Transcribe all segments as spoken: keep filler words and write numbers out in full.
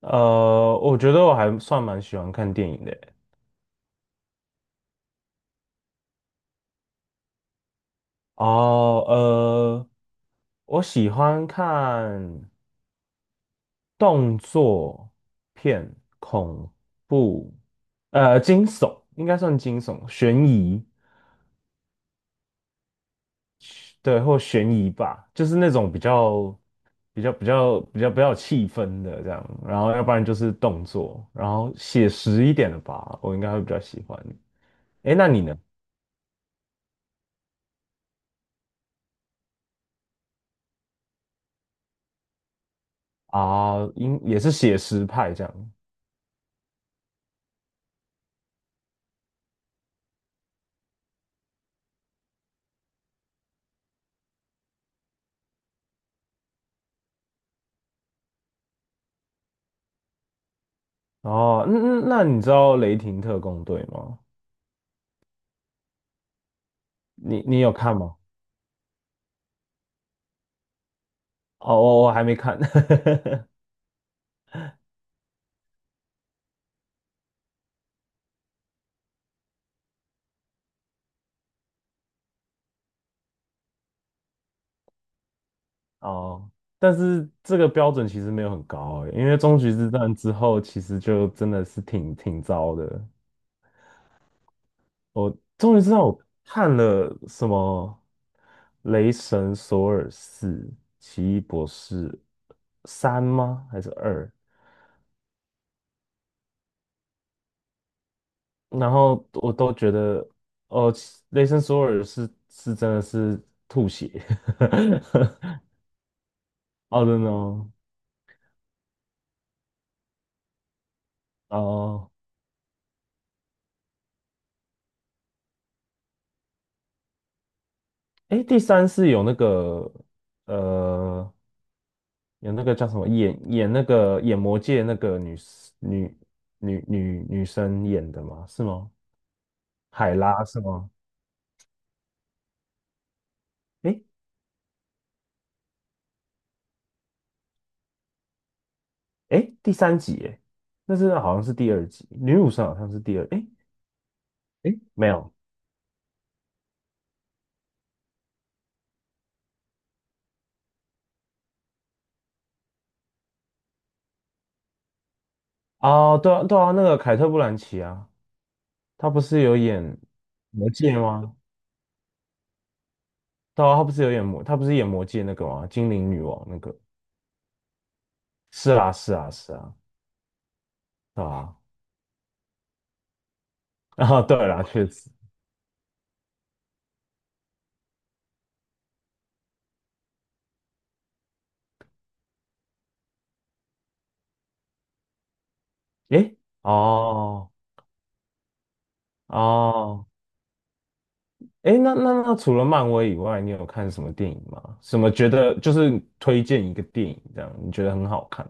呃，我觉得我还算蛮喜欢看电影的欸。哦，呃，我喜欢看动作片、恐怖，呃，惊悚应该算惊悚，悬疑，对，或悬疑吧，就是那种比较、比较、比较、比较、比较有气氛的这样。然后，要不然就是动作，然后写实一点的吧，我应该会比较喜欢。诶，那你呢？啊，应也是写实派这样。哦，那那那你知道《雷霆特工队》吗？你你有看吗？哦，我我还没看。哦，但是这个标准其实没有很高诶，因为终局之战之后，其实就真的是挺挺糟的。我终于知道我看了什么《雷神索尔四》《奇异博士三》吗？还是二？然后我都觉得，哦，雷神索尔是是真的是吐血，I don't n o。 哦，哎，第三是有那个呃，有那个叫什么演演那个演魔界那个女 s- 女女女女生演的吗？是吗？海拉是吗？哎哎，第三集哎，那是好像是第二集，女武神好像是第二，哎哎，没有。哦，对啊对啊，那个凯特·布兰奇啊。他不是有演魔戒吗？对啊，他不是有演魔，他不是演魔戒那个吗？精灵女王那个。是啊，是啊，是啊，对啊。啊，对啦，确实。诶，哦，哦，诶，那那那除了漫威以外，你有看什么电影吗？什么觉得就是推荐一个电影这样，你觉得很好看？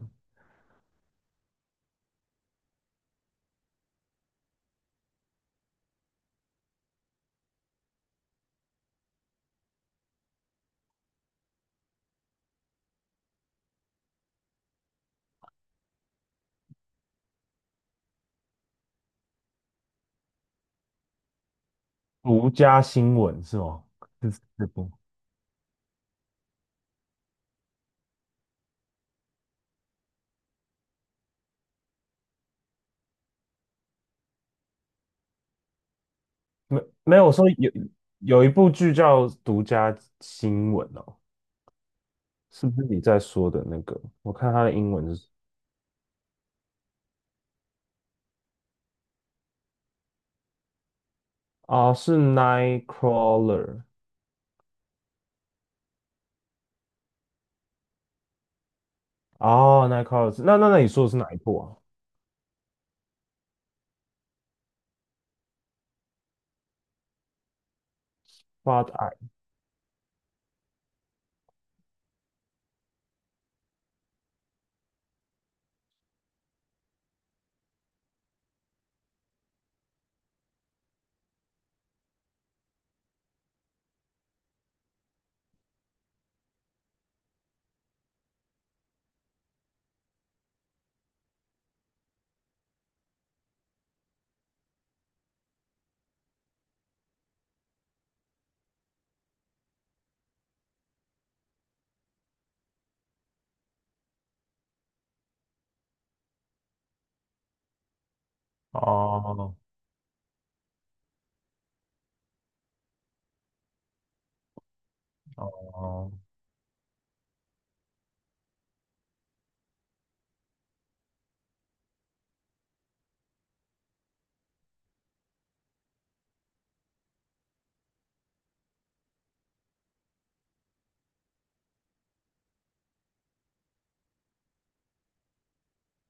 独家新闻是吗？是这部？没没有，我说有有一部剧叫《独家新闻》哦。是不是你在说的那个？我看他的英文是啊，是 Nightcrawler。 哦，Nightcrawler， 那那那你说的是哪一部啊？Blood e 哦哦，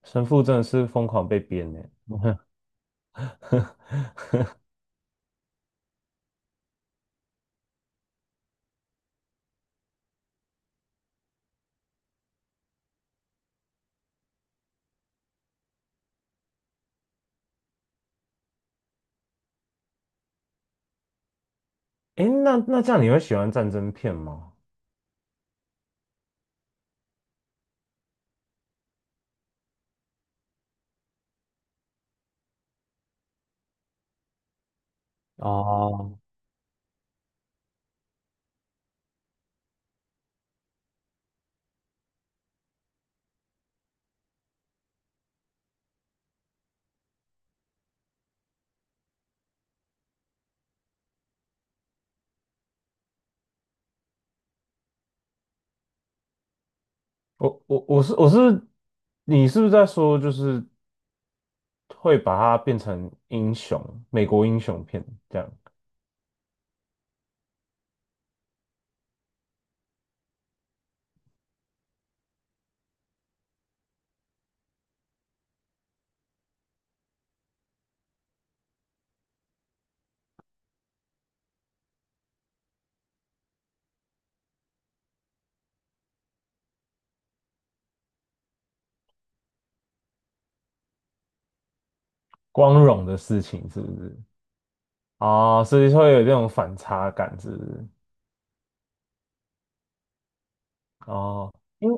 神父真的是疯狂被编呢。诶，那那这样你会喜欢战争片吗？哦，我我我是我是，你是不是在说就是会把它变成英雄，美国英雄片这样光荣的事情，是不是？哦，所以会有这种反差感，是不是？哦，因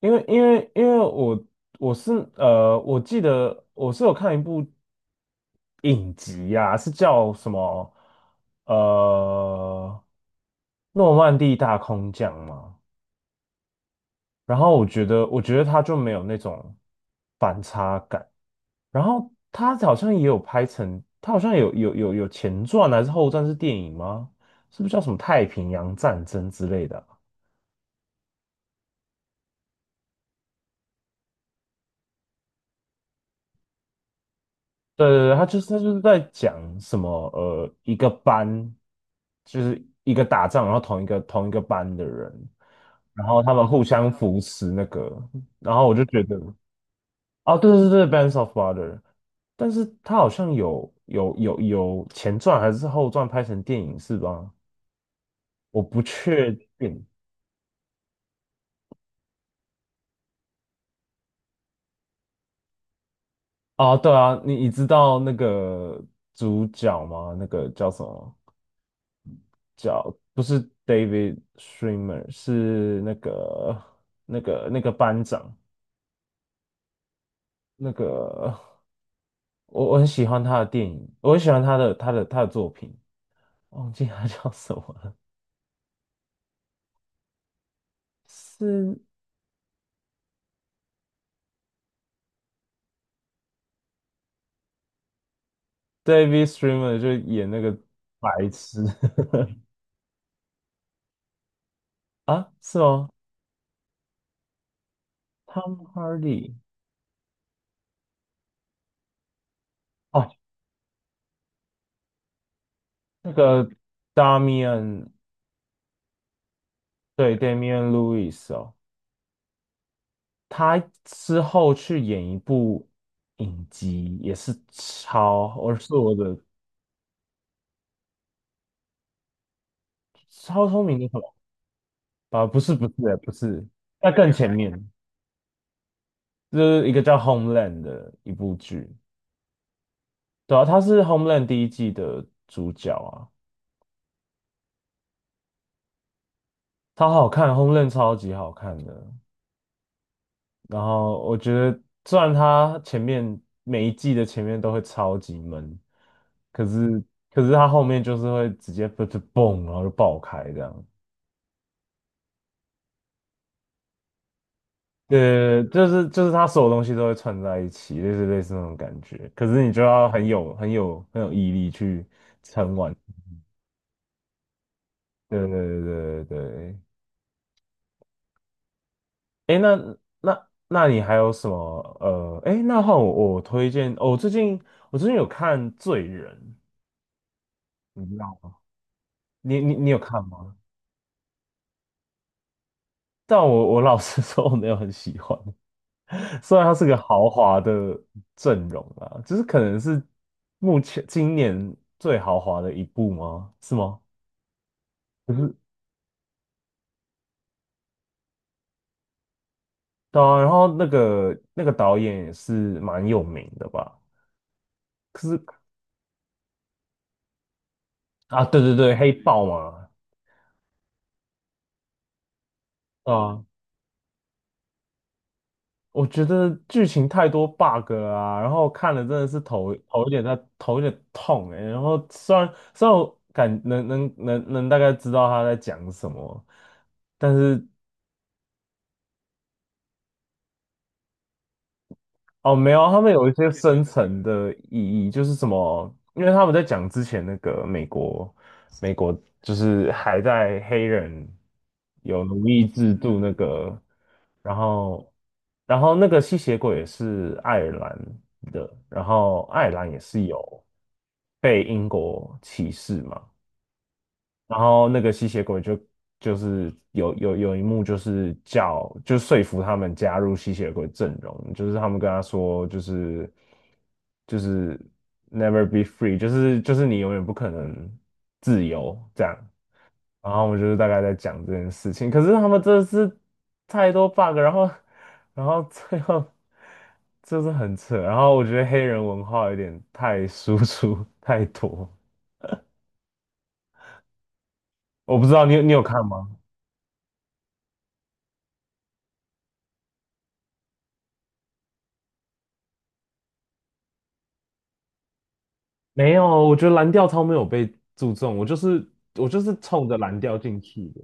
因为因为因为我我是呃，我记得我是有看一部影集呀、是叫什么呃诺曼底大空降嘛。然后我觉得我觉得他就没有那种反差感。然后他好像也有拍成，他好像有有有有前传还是后传是电影吗？是不是叫什么太平洋战争之类的啊？对对对，他就是他就是在讲什么呃，一个班就是一个打仗，然后同一个同一个班的人，然后他们互相扶持那个，然后我就觉得，哦，对对对，Bands of b r o t e r。 但是他好像有有有有前传还是后传拍成电影是吧？我不确定。哦，对啊，你你知道那个主角吗？那个叫什么？叫不是 David Schwimmer，是那个那个那个班长，那个我我很喜欢他的电影，我很喜欢他的他的他的作品，忘记他 叫什么了，是 David Schwimmer 就演那个白痴。 啊，是哦，Tom Hardy 哦，那个 Damian， 对 Damian Lewis 哦。他之后去演一部影集，也是超，我是我的超聪明的什么？啊，不是不是不是，在更前面，就是一个叫《Homeland》的一部剧，对啊，他是《Homeland》第一季的主角啊，超好看，《Homeland》超级好看的。然后我觉得，虽然他前面每一季的前面都会超级闷，可是可是他后面就是会直接 嘣嘣嘣，然后就爆开这样。对，就是就是他所有东西都会串在一起，类似类似那种感觉。可是你就要很有很有很有毅力去，对对对对对。哎，那那那你还有什么？呃，哎，那换我我推荐，哦，我最近我最近有看《罪人》，你知道？你你你有看吗？但我我老实 说，我没有很喜欢。虽然它是个豪华的阵容啊，就是可能是目前今年最豪华的一部吗？是吗？是。对啊，然后那个那个导演也是蛮有名的吧？可是啊，对对对，黑豹嘛。啊，我觉得剧情太多 bug 了啊，然后看了真的是头头有点在头有点痛哎、然后虽然虽然我感能能能能大概知道他在讲什么，但是哦，没有啊他们有一些深层的意义，就是什么？因为他们在讲之前那个美国，美国就是还在黑人有奴役制度那个，然后，然后那个吸血鬼也是爱尔兰的，然后爱尔兰也是有被英国歧视嘛，然后那个吸血鬼就就是有有有一幕就是叫就说服他们加入吸血鬼阵容，就是他们跟他说就是就是 never be free，就是就是你永远不可能自由这样。然后我们就是大概在讲这件事情，可是他们真的是太多 bug，然后然后最后就是很扯，然后我觉得黑人文化有点太输出太多，我不知道你有你有看吗？没有，我觉得蓝调超没有被注重，我就是我就是冲着蓝调进去的。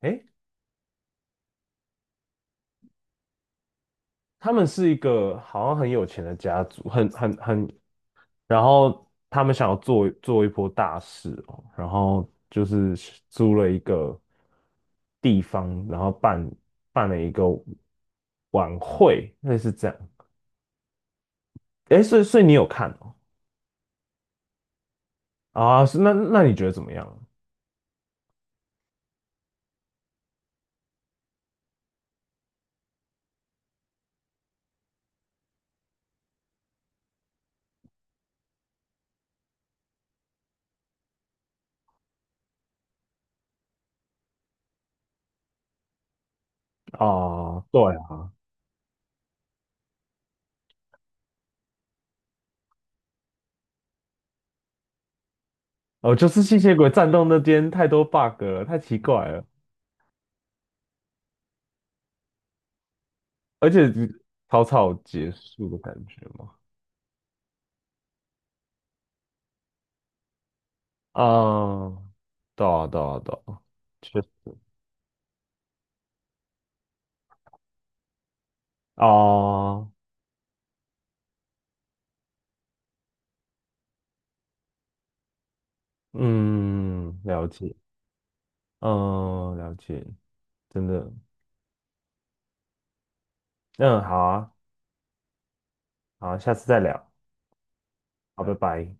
诶，他们是一个好像很有钱的家族，很很很，然后他们想要做做一波大事哦，然后就是租了一个地方，然后办办了一个晚会，类似这样。诶，所以所以你有看哦？啊，是那那你觉得怎么样？啊，对啊。哦，就是吸血鬼战斗那边太多 bug 了，太奇怪了，而且草草结束的感觉嘛。啊，对啊，对啊，对啊，确实啊，嗯，了解，嗯，了解，真的，嗯，好啊，好啊下次再聊，好，拜拜。